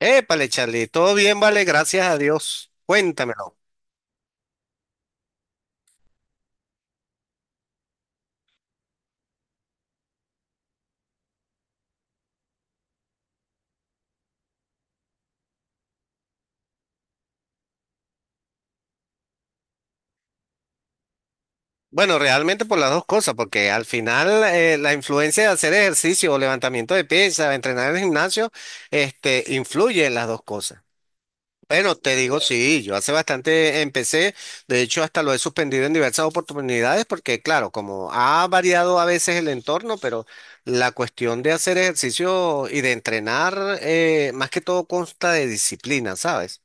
Épale, Charlie, todo bien, vale, gracias a Dios. Cuéntamelo. Bueno, realmente por las dos cosas, porque al final la influencia de hacer ejercicio o levantamiento de pesas, entrenar en el gimnasio, influye en las dos cosas. Bueno, te digo, sí, yo hace bastante empecé, de hecho hasta lo he suspendido en diversas oportunidades, porque claro, como ha variado a veces el entorno, pero la cuestión de hacer ejercicio y de entrenar, más que todo consta de disciplina, ¿sabes?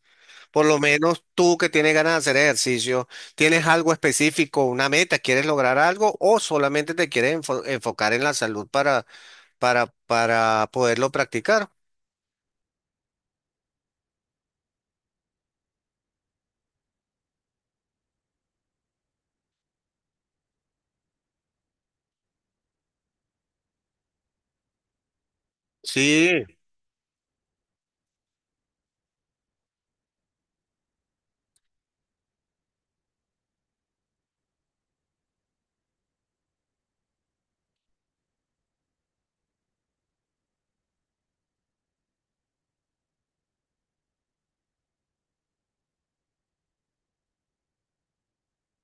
Por lo menos tú que tienes ganas de hacer ejercicio, ¿tienes algo específico, una meta, quieres lograr algo o solamente te quieres enfocar en la salud para, para poderlo practicar? Sí.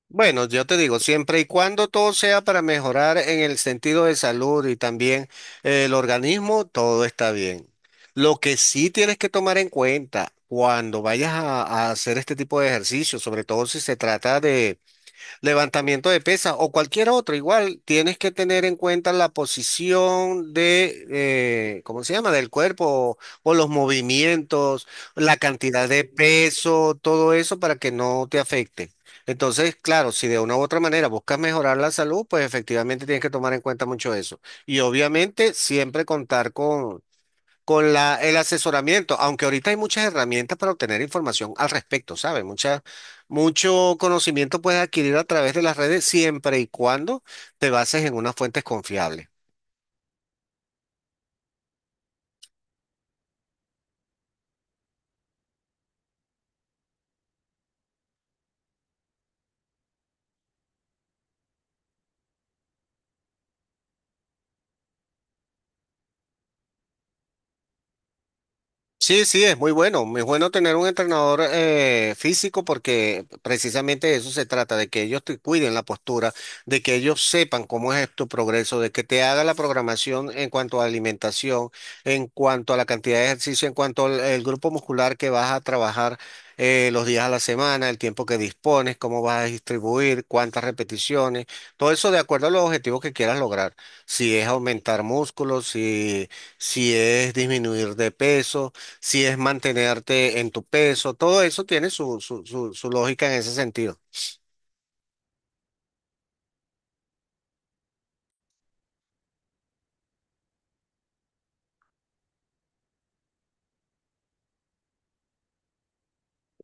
Bueno, yo te digo, siempre y cuando todo sea para mejorar en el sentido de salud y también el organismo, todo está bien. Lo que sí tienes que tomar en cuenta cuando vayas a hacer este tipo de ejercicio, sobre todo si se trata de levantamiento de pesas o cualquier otro, igual tienes que tener en cuenta la posición de, ¿cómo se llama?, del cuerpo o los movimientos, la cantidad de peso, todo eso para que no te afecte. Entonces, claro, si de una u otra manera buscas mejorar la salud, pues efectivamente tienes que tomar en cuenta mucho eso. Y obviamente siempre contar con el asesoramiento, aunque ahorita hay muchas herramientas para obtener información al respecto, ¿sabes? Mucho conocimiento puedes adquirir a través de las redes siempre y cuando te bases en unas fuentes confiables. Sí, sí, es muy bueno. Muy bueno tener un entrenador físico porque precisamente de eso se trata, de que ellos te cuiden la postura, de que ellos sepan cómo es tu progreso, de que te haga la programación en cuanto a alimentación, en cuanto a la cantidad de ejercicio, en cuanto al el grupo muscular que vas a trabajar los días a la semana, el tiempo que dispones, cómo vas a distribuir, cuántas repeticiones, todo eso de acuerdo a los objetivos que quieras lograr. Si es aumentar músculos, si, si es disminuir de peso, si es mantenerte en tu peso, todo eso tiene su lógica en ese sentido.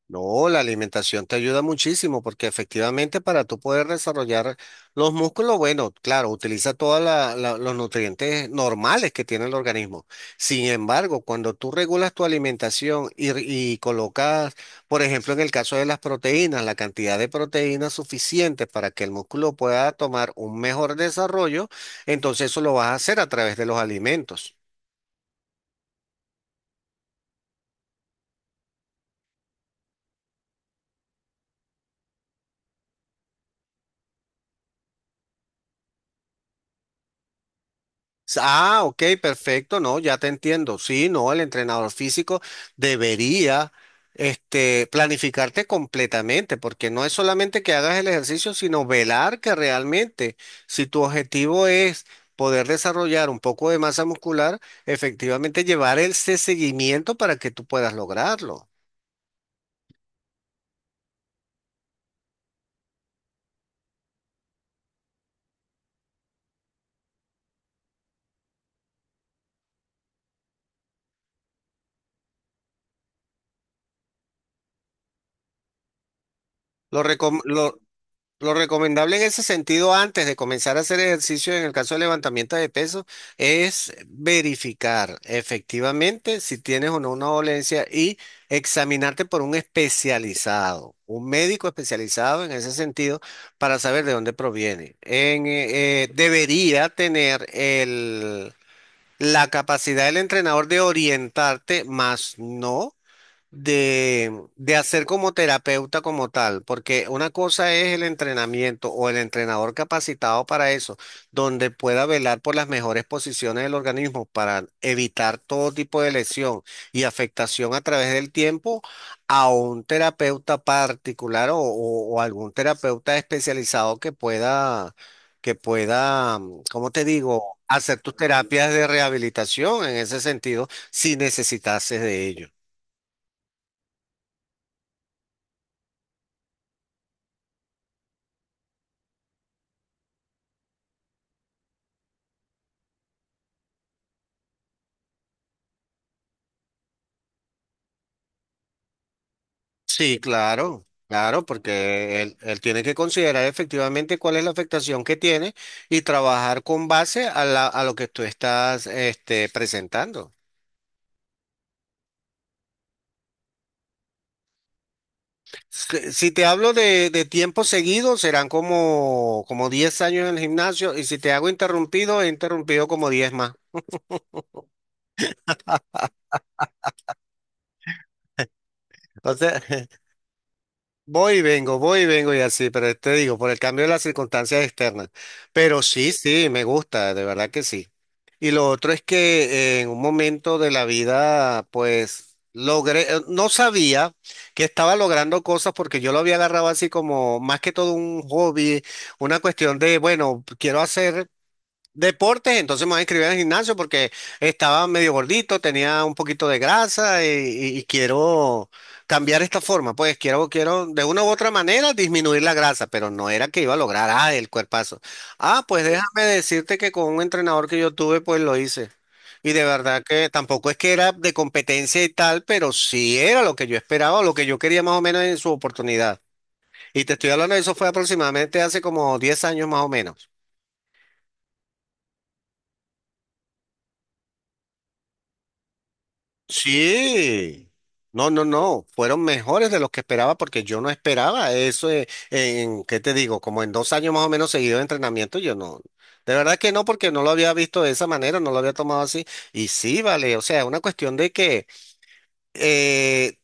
No, la alimentación te ayuda muchísimo porque efectivamente para tú poder desarrollar los músculos, bueno, claro, utiliza todos los nutrientes normales que tiene el organismo. Sin embargo, cuando tú regulas tu alimentación y colocas, por ejemplo, en el caso de las proteínas, la cantidad de proteínas suficiente para que el músculo pueda tomar un mejor desarrollo, entonces eso lo vas a hacer a través de los alimentos. Ah, ok, perfecto, no, ya te entiendo. Sí, no, el entrenador físico debería planificarte completamente, porque no es solamente que hagas el ejercicio, sino velar que realmente, si tu objetivo es poder desarrollar un poco de masa muscular, efectivamente llevar ese seguimiento para que tú puedas lograrlo. Lo, recom- lo- Lo recomendable en ese sentido, antes de comenzar a hacer ejercicio en el caso de levantamiento de peso, es verificar efectivamente si tienes o no una dolencia y examinarte por un especializado, un médico especializado en ese sentido, para saber de dónde proviene. Debería tener la capacidad del entrenador de orientarte, más no de, de hacer como terapeuta como tal, porque una cosa es el entrenamiento o el entrenador capacitado para eso, donde pueda velar por las mejores posiciones del organismo para evitar todo tipo de lesión y afectación a través del tiempo, a un terapeuta particular o algún terapeuta especializado que pueda, ¿cómo te digo? Hacer tus terapias de rehabilitación en ese sentido si necesitases de ello. Sí, claro, claro, porque él tiene que considerar efectivamente cuál es la afectación que tiene y trabajar con base a a lo que tú estás presentando. Si te hablo de tiempo seguido, serán como, como 10 años en el gimnasio y si te hago interrumpido, he interrumpido como 10 más. O sea, voy y vengo, voy y vengo y así, pero te digo, por el cambio de las circunstancias externas. Pero sí, sí, me gusta, de verdad que sí. Y lo otro es que en un momento de la vida, pues logré, no sabía que estaba logrando cosas porque yo lo había agarrado así como más que todo un hobby, una cuestión de, bueno, quiero hacer deportes, entonces me voy a inscribir al gimnasio porque estaba medio gordito, tenía un poquito de grasa y quiero cambiar esta forma. Pues quiero, quiero de una u otra manera disminuir la grasa, pero no era que iba a lograr, ah, el cuerpazo. Ah, pues déjame decirte que con un entrenador que yo tuve, pues lo hice. Y de verdad que tampoco es que era de competencia y tal, pero sí era lo que yo esperaba, lo que yo quería más o menos en su oportunidad. Y te estoy hablando de eso fue aproximadamente hace como 10 años más o menos. Sí, no, no, no, fueron mejores de los que esperaba porque yo no esperaba eso, ¿qué te digo? Como en 2 años más o menos seguido de entrenamiento, yo no, de verdad que no, porque no lo había visto de esa manera, no lo había tomado así, y sí, vale, o sea, es una cuestión de que eh,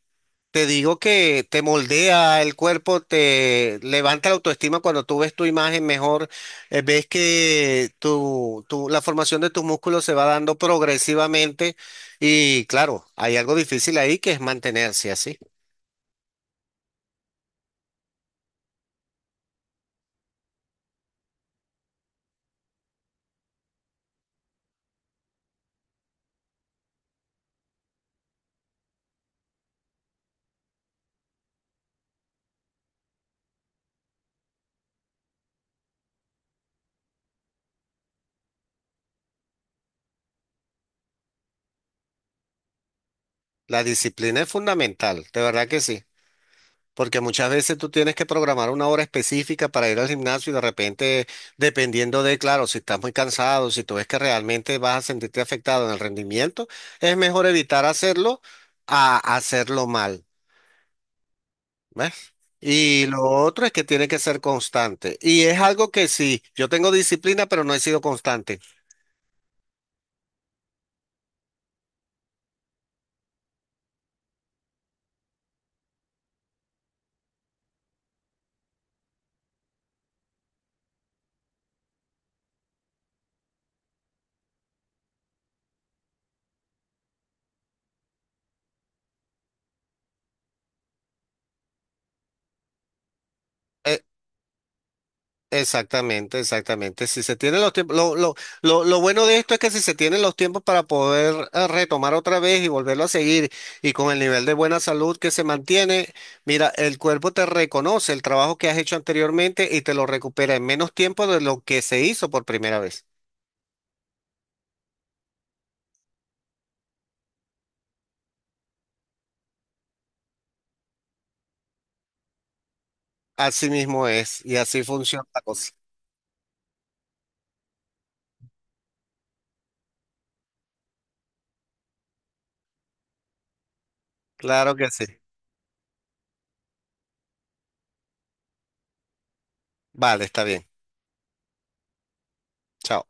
te digo que te moldea el cuerpo, te levanta la autoestima cuando tú ves tu imagen mejor, ves que la formación de tus músculos se va dando progresivamente y claro, hay algo difícil ahí que es mantenerse así. La disciplina es fundamental, de verdad que sí. Porque muchas veces tú tienes que programar una hora específica para ir al gimnasio y de repente, dependiendo de, claro, si estás muy cansado, si tú ves que realmente vas a sentirte afectado en el rendimiento, es mejor evitar hacerlo a hacerlo mal, ¿ves? Y lo otro es que tiene que ser constante. Y es algo que sí, yo tengo disciplina, pero no he sido constante. Exactamente, exactamente. Si se tienen los tiempos, lo bueno de esto es que si se tienen los tiempos para poder retomar otra vez y volverlo a seguir y con el nivel de buena salud que se mantiene, mira, el cuerpo te reconoce el trabajo que has hecho anteriormente y te lo recupera en menos tiempo de lo que se hizo por primera vez. Así mismo es y así funciona la cosa. Claro que sí. Vale, está bien. Chao.